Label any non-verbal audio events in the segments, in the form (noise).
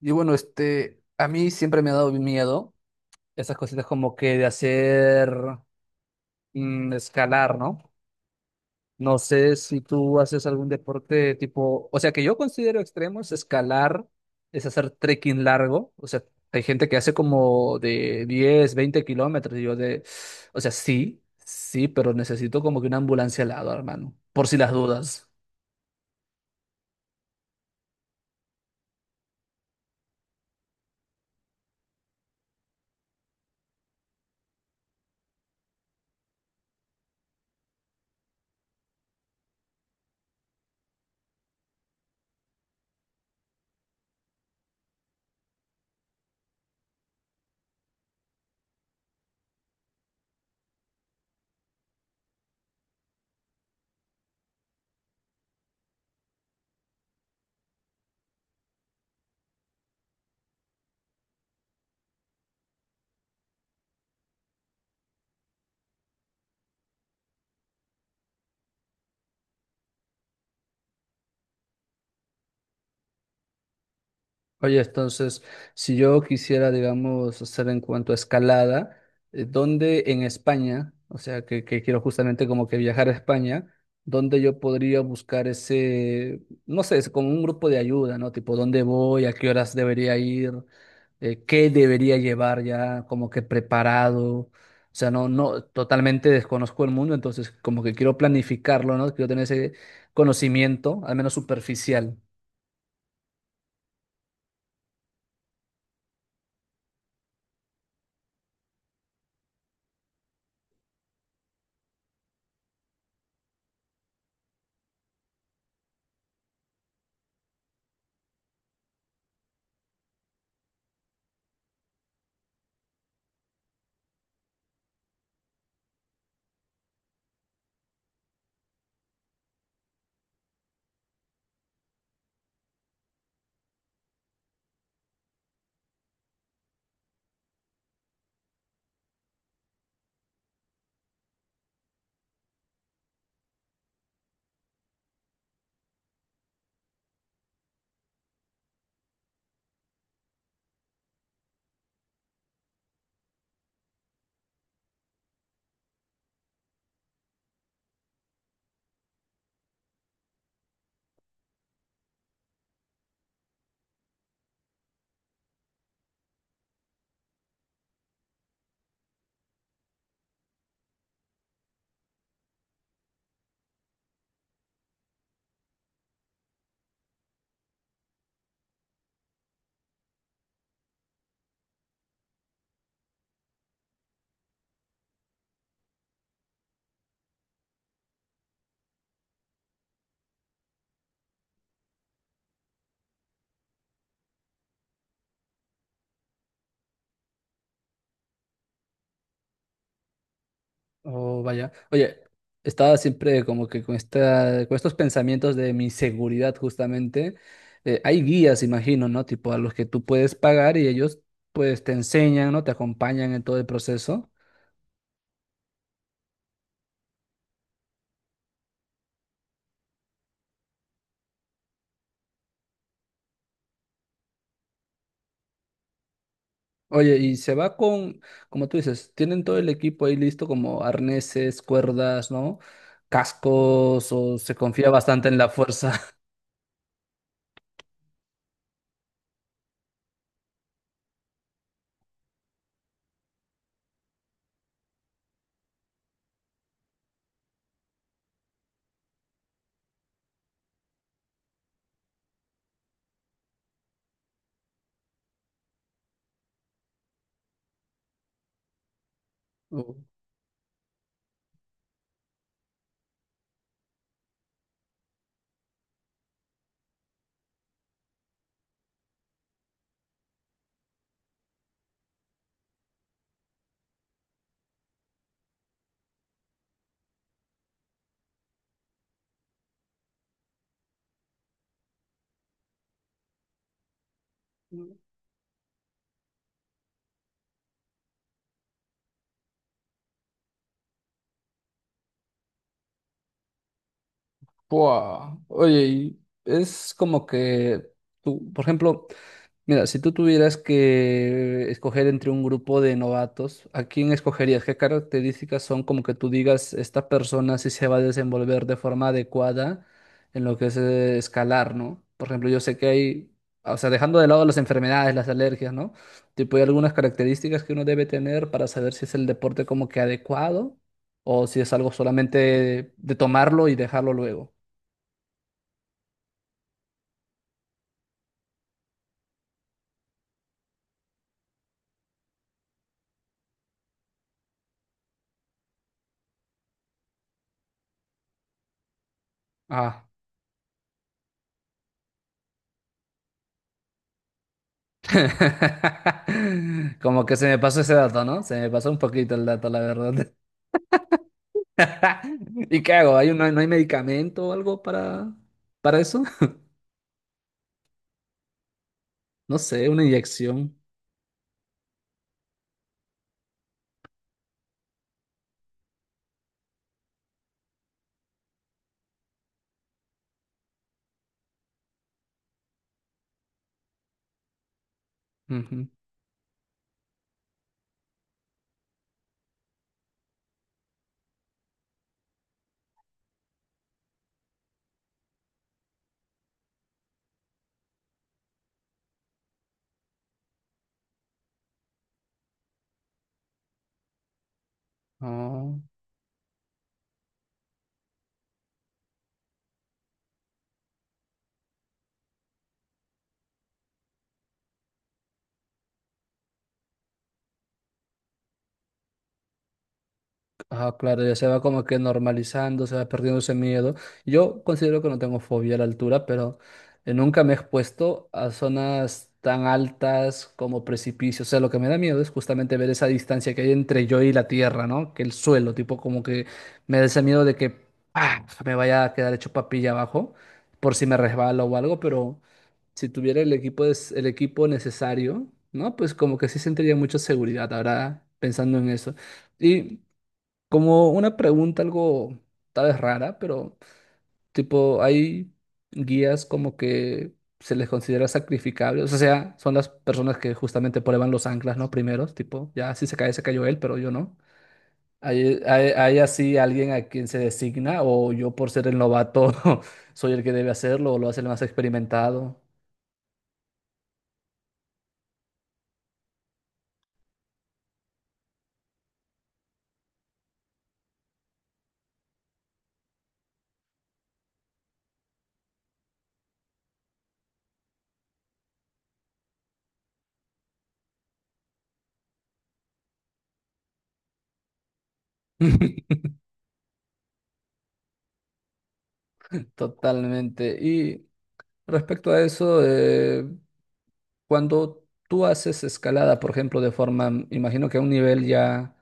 Y bueno, a mí siempre me ha dado miedo esas cositas como que de hacer escalar, ¿no? No sé si tú haces algún deporte tipo, o sea, que yo considero extremo es escalar, es hacer trekking largo, o sea, hay gente que hace como de 10 20 kilómetros, y yo de, o sea, sí, sí, pero necesito como que una ambulancia al lado, hermano, por si las dudas. Oye, entonces, si yo quisiera, digamos, hacer en cuanto a escalada, ¿dónde en España, o sea, que quiero justamente como que viajar a España, dónde yo podría buscar ese, no sé, es como un grupo de ayuda, ¿no? Tipo, ¿dónde voy? ¿A qué horas debería ir? Qué debería llevar ya como que preparado. O sea, no, no, totalmente desconozco el mundo, entonces como que quiero planificarlo, ¿no? Quiero tener ese conocimiento, al menos superficial. Oh, vaya. Oye, estaba siempre como que con esta, con estos pensamientos de mi seguridad, justamente. Hay guías, imagino, ¿no? Tipo a los que tú puedes pagar y ellos pues te enseñan, ¿no? Te acompañan en todo el proceso. Oye, y se va con, como tú dices, tienen todo el equipo ahí listo, como arneses, cuerdas, ¿no? Cascos, o se confía bastante en la fuerza. (laughs) Oh. Buah. Oye, y es como que tú, por ejemplo. Mira, si tú tuvieras que escoger entre un grupo de novatos, ¿a quién escogerías? ¿Qué características son como que tú digas, esta persona sí se va a desenvolver de forma adecuada en lo que es escalar, ¿no? Por ejemplo, yo sé que hay, o sea, dejando de lado las enfermedades, las alergias, ¿no? Tipo, hay algunas características que uno debe tener para saber si es el deporte como que adecuado o si es algo solamente de tomarlo y dejarlo luego. Ah. (laughs) Como que se me pasó ese dato, ¿no? Se me pasó un poquito el dato, la verdad. (laughs) ¿Y qué hago? ¿Hay no hay no medicamento o algo para eso? (laughs) No sé, una inyección. Ujú. Oh. Ah, claro, ya se va como que normalizando, se va perdiendo ese miedo. Yo considero que no tengo fobia a la altura, pero nunca me he expuesto a zonas tan altas como precipicios. O sea, lo que me da miedo es justamente ver esa distancia que hay entre yo y la tierra, ¿no? Que el suelo, tipo como que me da ese miedo de que ¡pah! Me vaya a quedar hecho papilla abajo por si me resbalo o algo, pero si tuviera el equipo, el equipo necesario, ¿no? Pues como que sí sentiría mucha seguridad ahora pensando en eso. Y como una pregunta algo tal vez rara, pero tipo, hay guías como que se les considera sacrificables. O sea, son las personas que justamente prueban los anclas, ¿no? Primeros, tipo, ya si se cae, se cayó él, pero yo no. ¿Hay así alguien a quien se designa o yo por ser el novato (laughs) soy el que debe hacerlo o lo hace el más experimentado? (laughs) Totalmente. Y respecto a eso, cuando tú haces escalada, por ejemplo, de forma, imagino que a un nivel ya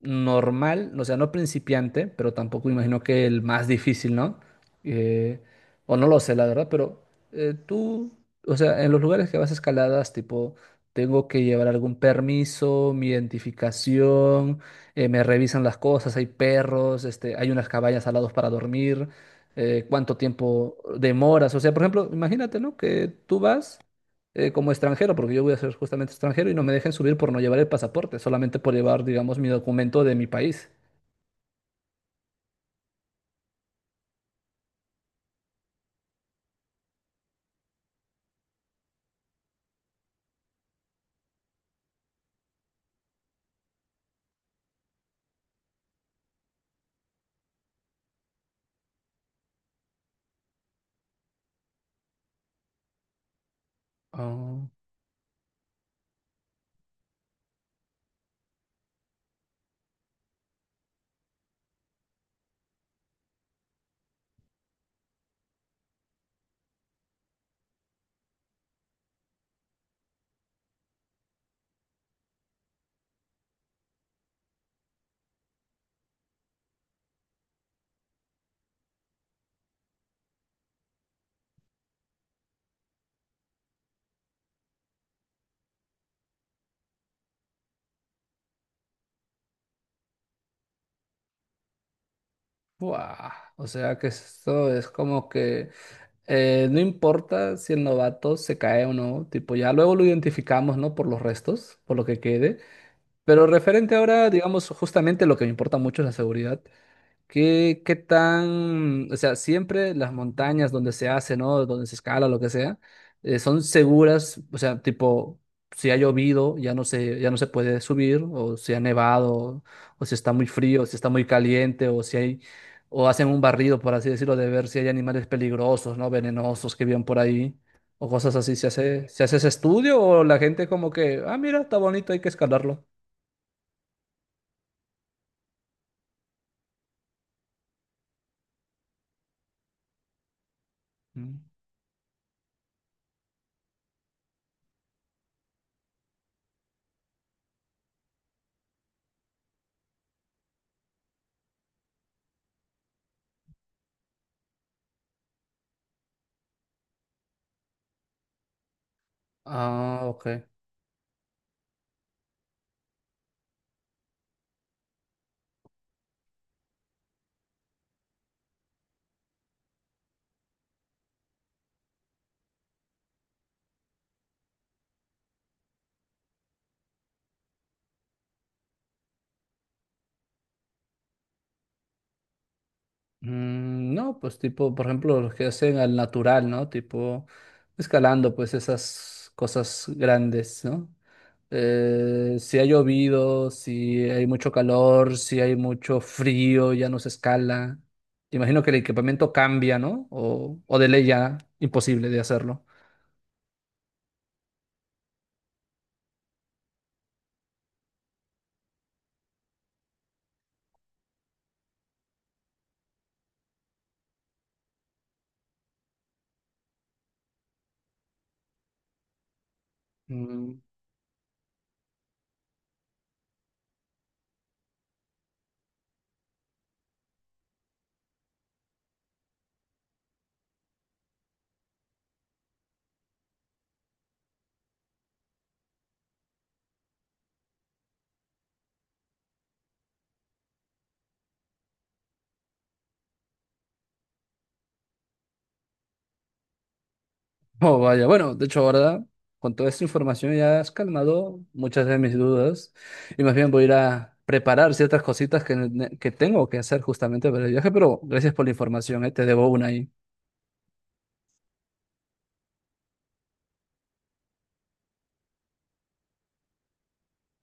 normal, o sea, no principiante, pero tampoco imagino que el más difícil, ¿no? Eh, o no lo sé, la verdad, pero tú, o sea, en los lugares que vas a escaladas, tipo, tengo que llevar algún permiso, mi identificación, me revisan las cosas, hay perros, hay unas cabañas al lado para dormir, cuánto tiempo demoras, o sea, por ejemplo, imagínate, ¿no? Que tú vas como extranjero, porque yo voy a ser justamente extranjero y no me dejen subir por no llevar el pasaporte, solamente por llevar, digamos, mi documento de mi país. Ah, buah. O sea que esto es como que no importa si el novato se cae o no, tipo ya luego lo identificamos, ¿no? Por los restos, por lo que quede. Pero referente ahora, digamos, justamente lo que me importa mucho es la seguridad. ¿Qué, qué tan, o sea, siempre las montañas donde se hace, ¿no? Donde se escala, lo que sea, son seguras, o sea, tipo, si ha llovido, ya no se puede subir, o si ha nevado, o si está muy frío, o si está muy caliente, o si hay, o hacen un barrido, por así decirlo, de ver si hay animales peligrosos, ¿no? Venenosos que viven por ahí, o cosas así. ¿Se hace ese estudio o la gente como que, ah, mira, está bonito, hay que escalarlo? Mm. Ah, ok. No, pues tipo, por ejemplo, los que hacen al natural, ¿no? Tipo, escalando, pues esas cosas grandes, ¿no? Si ha llovido, si hay mucho calor, si hay mucho frío, ya no se escala. Imagino que el equipamiento cambia, ¿no? O de ley ya imposible de hacerlo. Mm. Oh, vaya, bueno, de hecho ahora con toda esta información ya has calmado muchas de mis dudas y más bien voy a ir a preparar ciertas cositas que, que tengo que hacer justamente para el viaje, pero gracias por la información, ¿eh? Te debo una ahí.